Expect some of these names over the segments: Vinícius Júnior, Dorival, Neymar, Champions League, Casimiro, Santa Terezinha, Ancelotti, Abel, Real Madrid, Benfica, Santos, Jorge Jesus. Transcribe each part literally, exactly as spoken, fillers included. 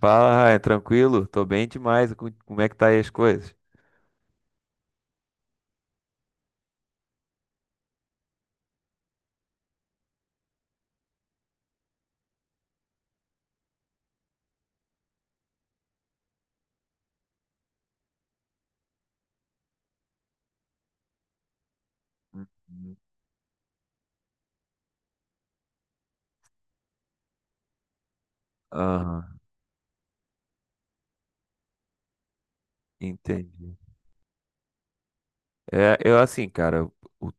Fala, Ryan, tranquilo? Tô bem demais. Co- Como é que tá aí as coisas? Uhum. Aham, entendi. É, eu assim, cara, o,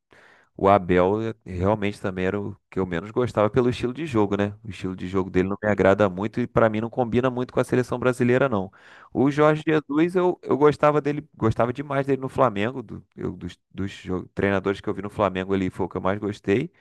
o Abel eh, realmente também era o que eu menos gostava pelo estilo de jogo, né? O estilo de jogo dele não me agrada muito e pra mim não combina muito com a seleção brasileira, não. O Jorge Jesus, eu, eu gostava dele, gostava demais dele no Flamengo, do, eu- dos, dos jo- treinadores que eu vi no Flamengo ali, foi o que eu mais gostei.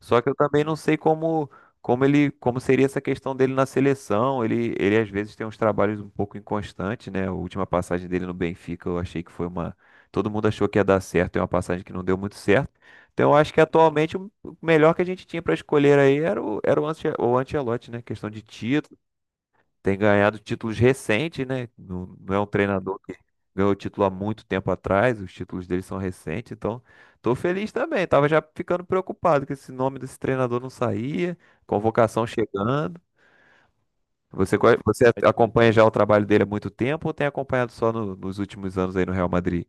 Só que eu também não sei como como ele como seria essa questão dele na seleção. Ele ele às vezes tem uns trabalhos um pouco inconstantes, né? A última passagem dele no Benfica, eu achei que foi uma todo mundo achou que ia dar certo, é uma passagem que não deu muito certo. Então eu acho que atualmente o melhor que a gente tinha para escolher aí era o era o Ante- o Ancelotti, né? Questão de tem ganhado títulos recentes, né? Não, não é um treinador que ganhou título há muito tempo atrás, os títulos dele são recentes, então tô feliz também. Tava já ficando preocupado que esse nome desse treinador não saía, convocação chegando. Você, co- você acompanha já o trabalho dele há muito tempo ou tem acompanhado só no- nos últimos anos aí no Real Madrid?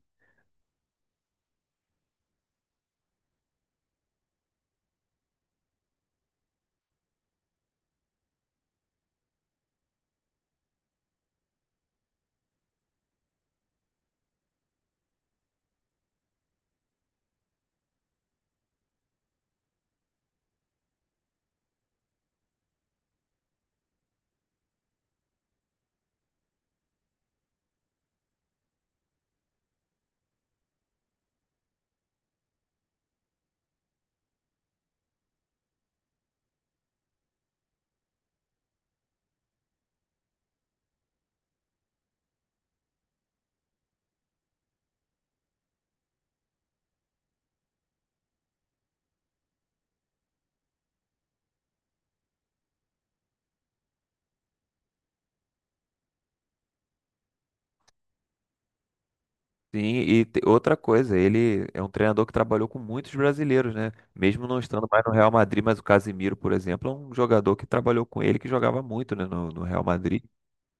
Sim, e te- outra coisa, ele é um treinador que trabalhou com muitos brasileiros, né? Mesmo não estando mais no Real Madrid, mas o Casimiro, por exemplo, é um jogador que trabalhou com ele, que jogava muito, né, no, no Real Madrid.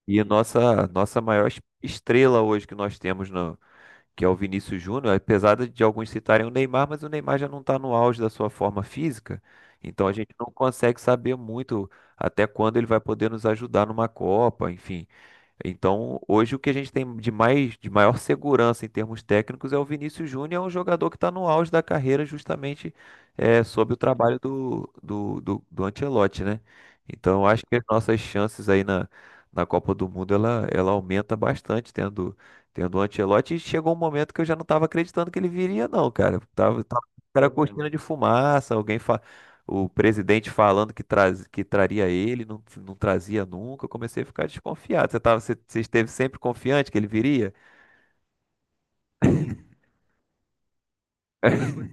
E a nossa, nossa maior es- estrela hoje que nós temos, no, que é o Vinícius Júnior, apesar de de alguns citarem o Neymar, mas o Neymar já não está no auge da sua forma física, então a gente não consegue saber muito até quando ele vai poder nos ajudar numa Copa, enfim. Então, hoje o que a gente tem de mais, de maior segurança em termos técnicos é o Vinícius Júnior, é um jogador que está no auge da carreira justamente é, sob o trabalho do, do, do, do Ancelotti, né? Então, eu acho que as nossas chances aí na, na Copa do Mundo, ela, ela aumenta bastante tendo, tendo o Ancelotti. E chegou um momento que eu já não estava acreditando que ele viria, não, cara. Tava, tava, era cortina de fumaça, alguém o presidente falando que, traz, que traria ele, não, não trazia nunca. Eu comecei a ficar desconfiado. Você tava, você, você esteve sempre confiante que ele viria?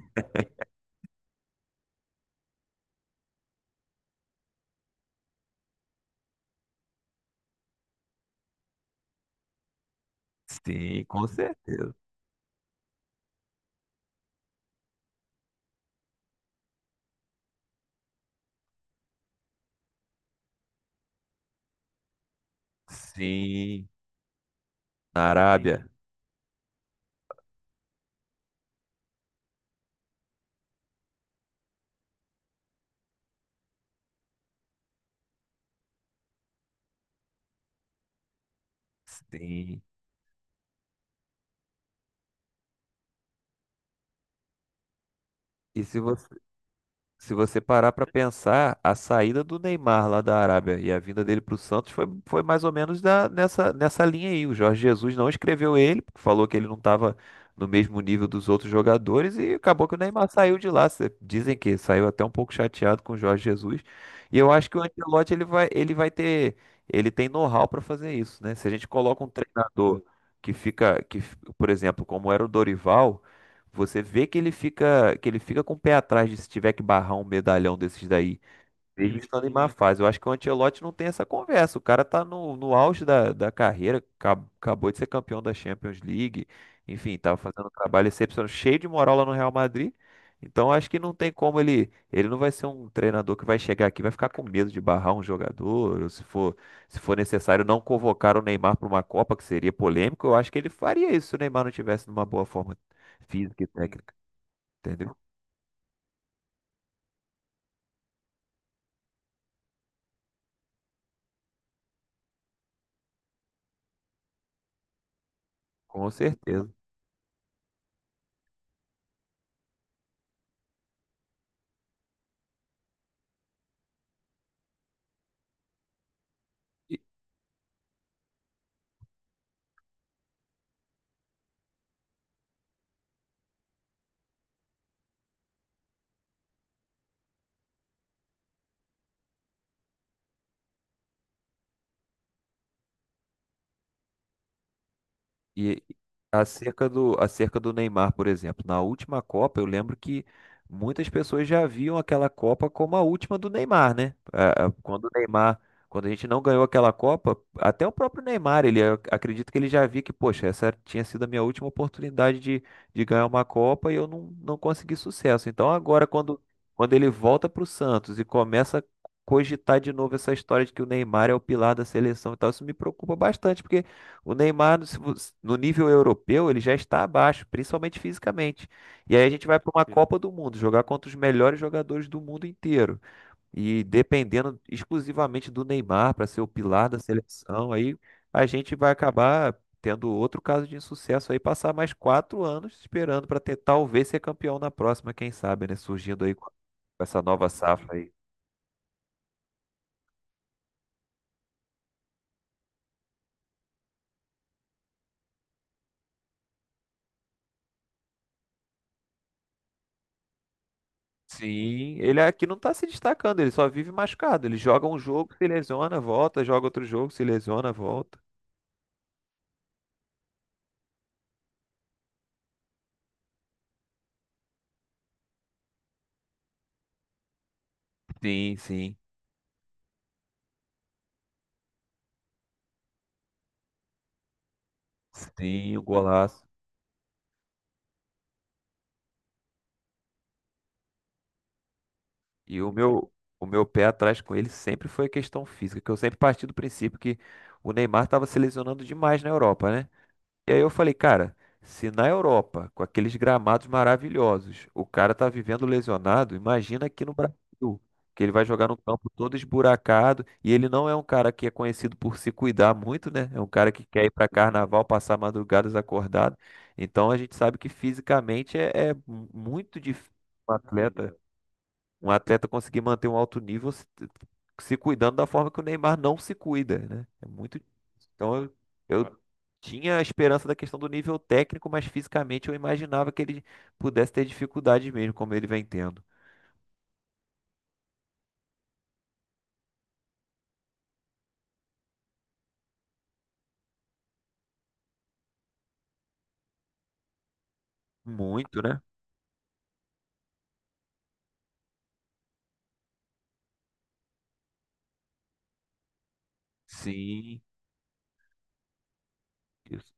Sim, com certeza. Sim, na Arábia. Sim. E se você Se você parar para pensar, a saída do Neymar lá da Arábia e a vinda dele para o Santos foi, foi mais ou menos da- nessa, nessa linha aí. O Jorge Jesus não escreveu ele, porque falou que ele não estava no mesmo nível dos outros jogadores e acabou que o Neymar saiu de lá. Cê- Dizem que saiu até um pouco chateado com o Jorge Jesus. E eu acho que o Ancelotti ele vai, ele vai ter, ele tem know-how para fazer isso, né? Se a gente coloca um treinador que fica, que, f- por exemplo, como era o Dorival você vê que ele fica, que ele fica com o pé atrás de se tiver que barrar um medalhão desses daí mesmo estando em má fase. Eu acho que o Ancelotti não tem essa conversa. O cara tá no, no auge da, da carreira, cab- acabou de ser campeão da Champions League. Enfim, tava fazendo um trabalho excepcional, cheio de moral lá no Real Madrid. Então acho que não tem como ele. Ele não vai ser um treinador que vai chegar aqui, e vai ficar com medo de barrar um jogador, ou se for, se for necessário não convocar o Neymar para uma Copa, que seria polêmico. Eu acho que ele faria isso se o Neymar não tivesse numa boa forma física e técnica, entendeu? Com certeza. E acerca do, acerca do Neymar, por exemplo, na última Copa, eu lembro que muitas pessoas já viam aquela Copa como a última do Neymar, né? A- a- Quando o Neymar, quando a gente não ganhou aquela Copa, até o próprio Neymar, ele eu acredito que ele já via que, poxa, essa tinha sido a minha última oportunidade de, de ganhar uma Copa e eu não, não consegui sucesso. Então agora, quando, quando ele volta para o Santos e começa a cogitar de novo essa história de que o Neymar é o pilar da seleção e tal, isso me preocupa bastante, porque o Neymar, se vo- no nível europeu, ele já está abaixo, principalmente fisicamente. E aí a gente vai para uma Copa do Mundo, jogar contra os melhores jogadores do mundo inteiro. E dependendo exclusivamente do Neymar para ser o pilar da seleção, aí a gente vai acabar tendo outro caso de insucesso aí, passar mais quatro anos esperando para ter talvez ser campeão na próxima, quem sabe, né? Surgindo aí com com essa nova safra aí. Sim, ele aqui não tá se destacando, ele só vive machucado. Ele joga um jogo, se lesiona, volta, joga outro jogo, se lesiona, volta. Sim, sim. Sim, o golaço. E o meu, o meu pé atrás com ele sempre foi a questão física, que eu sempre parti do princípio que o Neymar estava se lesionando demais na Europa, né? E aí eu falei, cara, se na Europa, com aqueles gramados maravilhosos, o cara tá vivendo lesionado, imagina aqui no Brasil, que ele vai jogar num campo todo esburacado, e ele não é um cara que é conhecido por se cuidar muito, né? É um cara que quer ir para carnaval, passar madrugadas acordado. Então a gente sabe que fisicamente é, é muito difícil um atleta um atleta conseguir manter um alto nível se, se cuidando da forma que o Neymar não se cuida, né? É muito. Então eu, eu tinha a esperança da questão do nível técnico, mas fisicamente eu imaginava que ele pudesse ter dificuldades mesmo, como ele vem tendo. Muito, né? Sim, isso,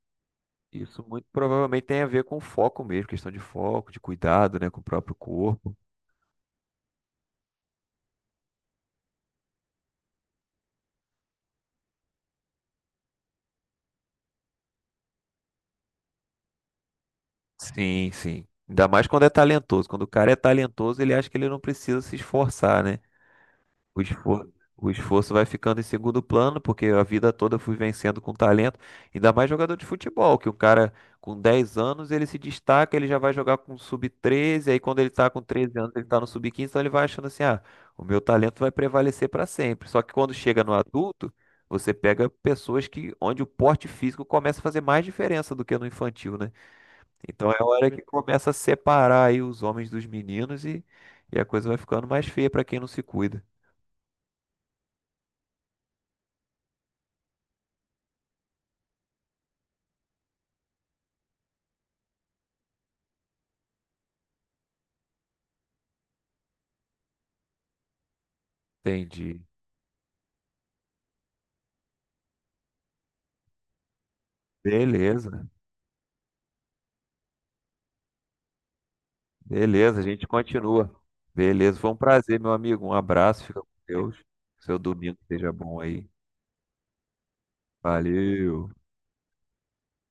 isso muito provavelmente tem a ver com foco mesmo, questão de foco, de cuidado, né, com o próprio corpo. Sim, sim. Ainda mais quando é talentoso. Quando o cara é talentoso, ele acha que ele não precisa se esforçar, né? O esforço, o esforço vai ficando em segundo plano, porque a vida toda eu fui vencendo com talento, ainda mais jogador de futebol, que o cara com dez anos ele se destaca, ele já vai jogar com sub treze aí quando ele tá com treze anos ele tá no sub quinze então ele vai achando assim, ah, o meu talento vai prevalecer para sempre. Só que quando chega no adulto, você pega pessoas que onde o porte físico começa a fazer mais diferença do que no infantil, né? Então é a hora que começa a separar aí os homens dos meninos e, e a coisa vai ficando mais feia para quem não se cuida. Entendi. Beleza, beleza, a gente continua. Beleza, foi um prazer, meu amigo. Um abraço, fica com Deus. Seu domingo seja bom aí. Valeu.